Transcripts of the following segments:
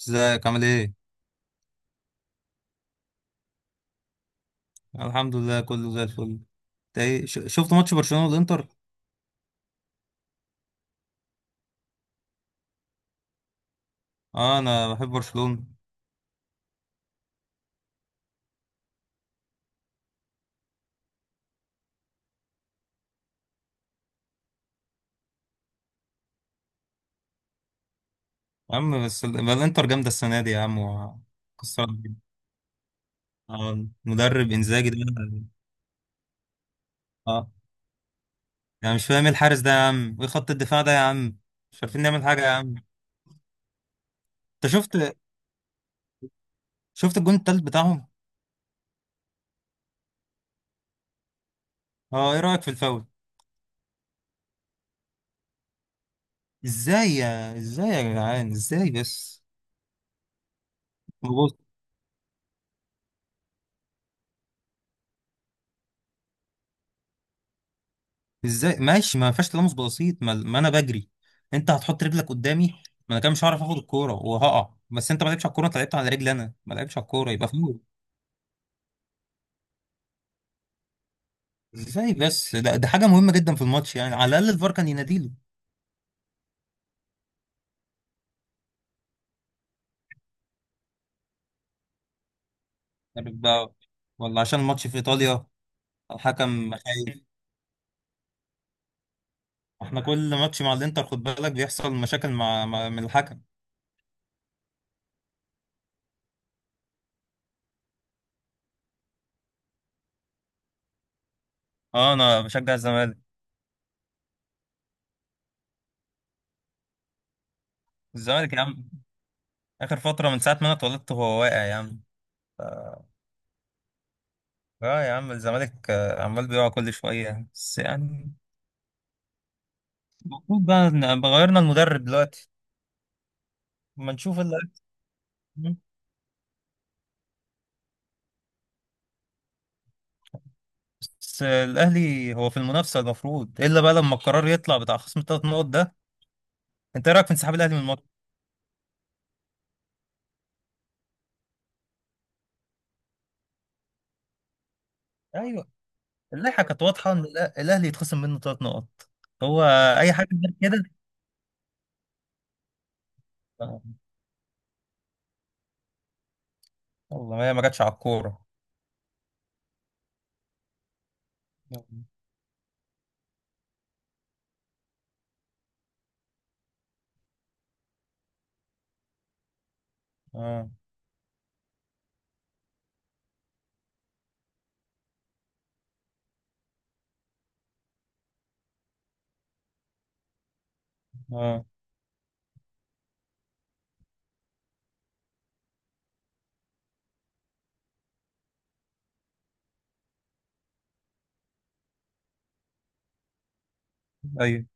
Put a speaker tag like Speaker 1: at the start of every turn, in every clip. Speaker 1: ازيك عامل ايه؟ الحمد لله كله زي الفل. انت ايه شفت ماتش برشلونة والانتر؟ اه، انا بحب برشلونة. يا عم بس بقى الانتر جامدة السنة دي يا عم، وكسرت الدنيا. اه، مدرب انزاجي ده. اه، يعني مش فاهم ايه الحارس ده يا عم، وايه خط الدفاع ده يا عم. مش عارفين نعمل حاجة يا عم. انت شفت الجون التالت بتاعهم؟ اه، ايه رأيك في الفاول؟ ازاي يا جدعان ازاي بس؟ ازاي ماشي ما فيهاش تلامس بسيط، ما انا بجري. انت هتحط رجلك قدامي. ما انا كده مش هعرف اخد الكوره وهقع، بس انت ما لعبتش على الكوره، انت لعبت على رجلي، انا ما لعبتش على الكوره يبقى فاول. ازاي بس؟ ده حاجه مهمه جدا في الماتش، يعني على الاقل الفار كان يناديله. عارف بقى، ولا عشان الماتش في ايطاليا الحكم خايف؟ احنا كل ماتش مع الانتر خد بالك بيحصل مشاكل مع من الحكم. اه، انا بشجع الزمالك. الزمالك يا عم، اخر فتره من ساعه ما انا اتولدت هو واقع يا عم. اه يا عم الزمالك عمال بيقع كل شوية، بس يعني المفروض بقى غيرنا المدرب دلوقتي. ما نشوف اللي. بس الأهلي هو في المنافسة المفروض، إلا بقى لما القرار يطلع بتاع خصم الثلاث نقط ده. أنت إيه رأيك في انسحاب الأهلي من الماتش؟ أيوه، اللائحة كانت واضحة إن الأهلي يتخصم منه 3 نقط. هو أي حاجة غير كده. آه، والله ما هي ما جاتش على الكورة. اه، اه، ايوه،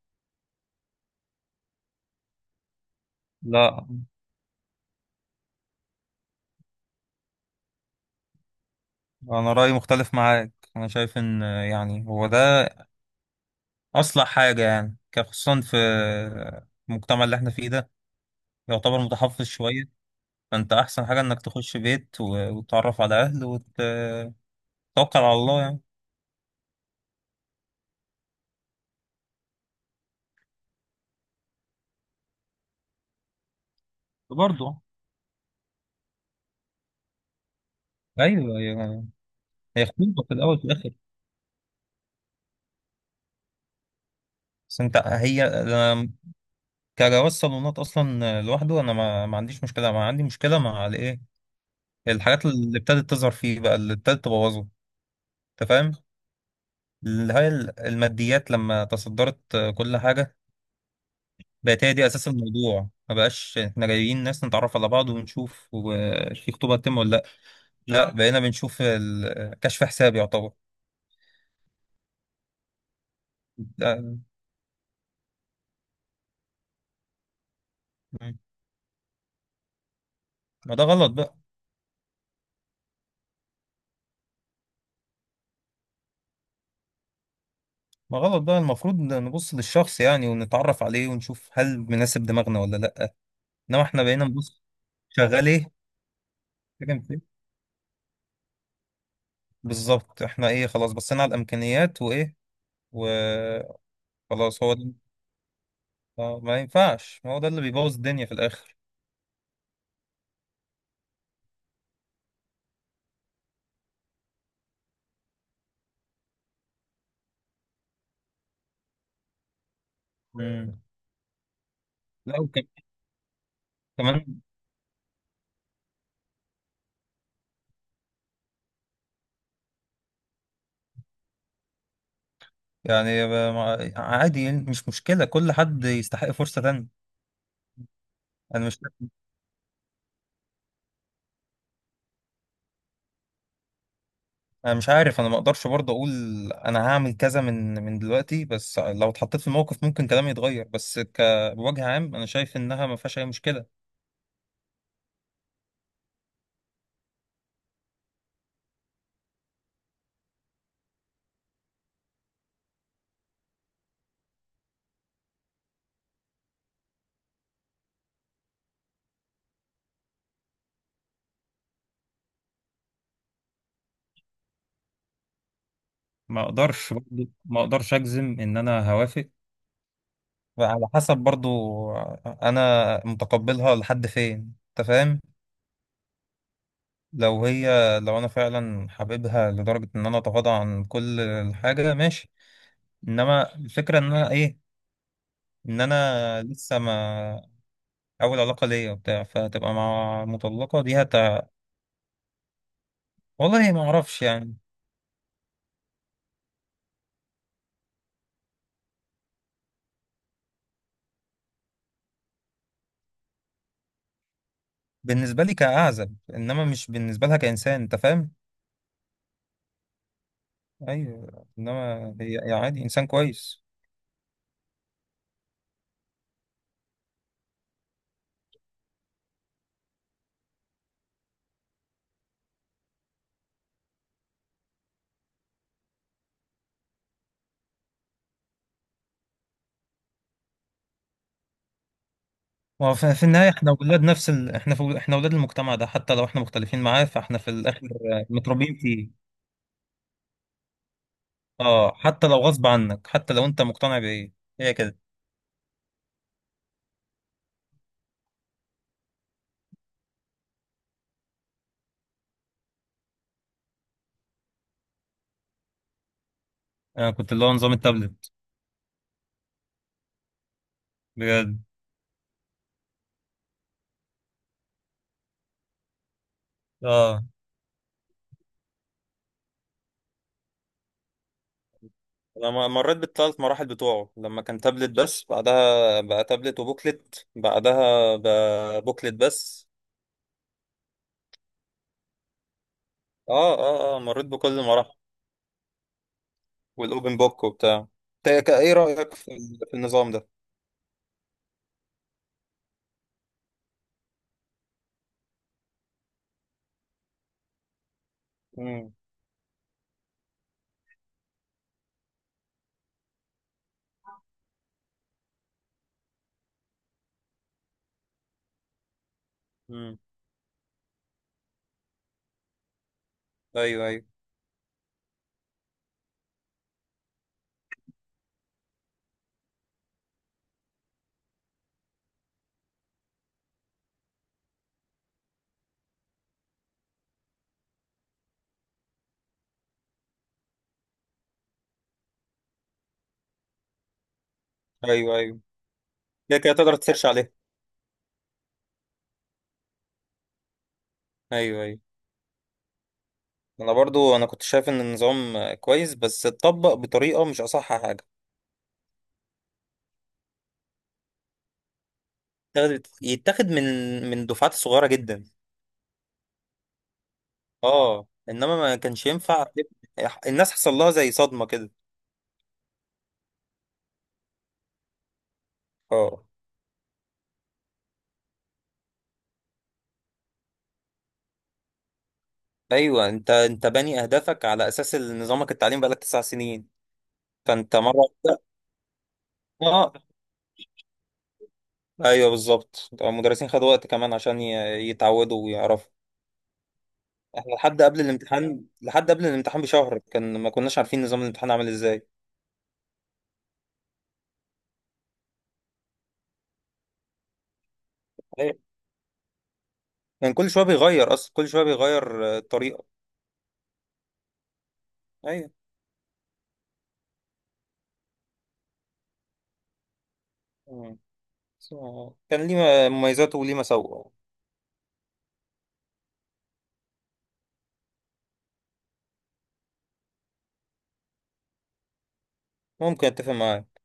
Speaker 1: لا. انا رايي مختلف معاك، انا شايف ان يعني هو ده اصلح حاجه، يعني كان خصوصا في المجتمع اللي احنا فيه ده يعتبر متحفظ شويه. فانت احسن حاجه انك تخش بيت و- وتتعرف على اهل وتتوكل على الله يعني. برضه، ايوه. هي خطوبه في الاول وفي الاخر. بس انت هي أنا كجواز صالونات اصلا لوحده، انا ما عنديش مشكله، ما عندي مشكله مع الايه، الحاجات اللي ابتدت تظهر فيه بقى، اللي ابتدت تبوظه. انت فاهم؟ اللي هي الماديات لما تصدرت كل حاجه، بقت هي دي اساس الموضوع، ما بقاش احنا جايين ناس نتعرف على بعض ونشوف في خطوبه تتم ولا لا. لا، اه، بقينا بنشوف كشف حساب يعتبر. ده- ما ده غلط بقى. ما غلط بقى، المفروض نبص للشخص يعني ونتعرف عليه ونشوف هل مناسب دماغنا ولا لا. انما احنا بقينا نبص. شغال ايه؟ شغال فين؟ بالظبط، احنا ايه، خلاص بصينا على الامكانيات وايه، وخلاص. هو ده. ما ينفعش، ما هو ده اللي بيبوظ الدنيا في الاخر. مم. لا. وكمان يعني عادي يعني، مش مشكلة، كل حد يستحق فرصة تانية. أنا مش، أنا مش عارف، أنا ما أقدرش برضه أقول أنا هعمل كذا من دلوقتي، بس لو اتحطيت في الموقف ممكن كلامي يتغير، بس بوجه عام أنا شايف إنها ما فيهاش أي مشكلة. ما أقدرش برضه، ما أقدرش أجزم إن أنا هوافق. على حسب، برضه أنا متقبلها لحد فين، أنت فاهم. لو هي، لو أنا فعلا حاببها لدرجة إن أنا أتغاضى عن كل حاجة، ماشي، انما الفكره ان انا ايه، ان انا لسه ما اول علاقه ليا وبتاع، فتبقى مع مطلقه دي والله ما اعرفش يعني. بالنسبه لي كاعزب انما مش بالنسبه لها كانسان، انت فاهم. ايوه، انما هي عادي انسان كويس. ما هو في النهايه احنا ولاد نفس احنا احنا ولاد المجتمع ده، حتى لو احنا مختلفين معاه فاحنا في الاخر متربيين فيه. اه، حتى لو غصب عنك، حتى لو انت مقتنع بايه، هي كده. انا كنت اللي هو نظام التابلت. بجد. اه، انا مريت بالثلاث مراحل بتوعه، لما كان تابلت بس، بعدها بقى تابلت وبوكلت، بعدها بقى بوكلت بس. اه، اه، اه، مريت بكل المراحل والاوبن بوك وبتاع. ايه رأيك في في النظام ده؟ امم، امم. ايوه، ايوه. ايوه، ايوه، كده كده تقدر تسيرش عليه. ايوه، ايوه، انا برضو انا كنت شايف ان النظام كويس، بس اتطبق بطريقة مش اصح حاجة. يتاخد من دفعات صغيرة جدا. اه، انما ما كانش ينفع، الناس حصل لها زي صدمة كده. اه، ايوه، انت باني اهدافك على اساس نظامك التعليم بقالك 9 سنين. فانت مره واحدة- اه. ايوه بالظبط، المدرسين خدوا وقت كمان عشان يتعودوا ويعرفوا. احنا لحد قبل الامتحان، لحد قبل الامتحان بشهر، كان ما كناش عارفين نظام الامتحان عامل ازاي. ايوه، كان كل شويه بيغير، اصلا كل شويه بيغير الطريقه. ايوه. مم. بس هو كان ليه مميزاته وليه مساوئه. ممكن اتفق معاك.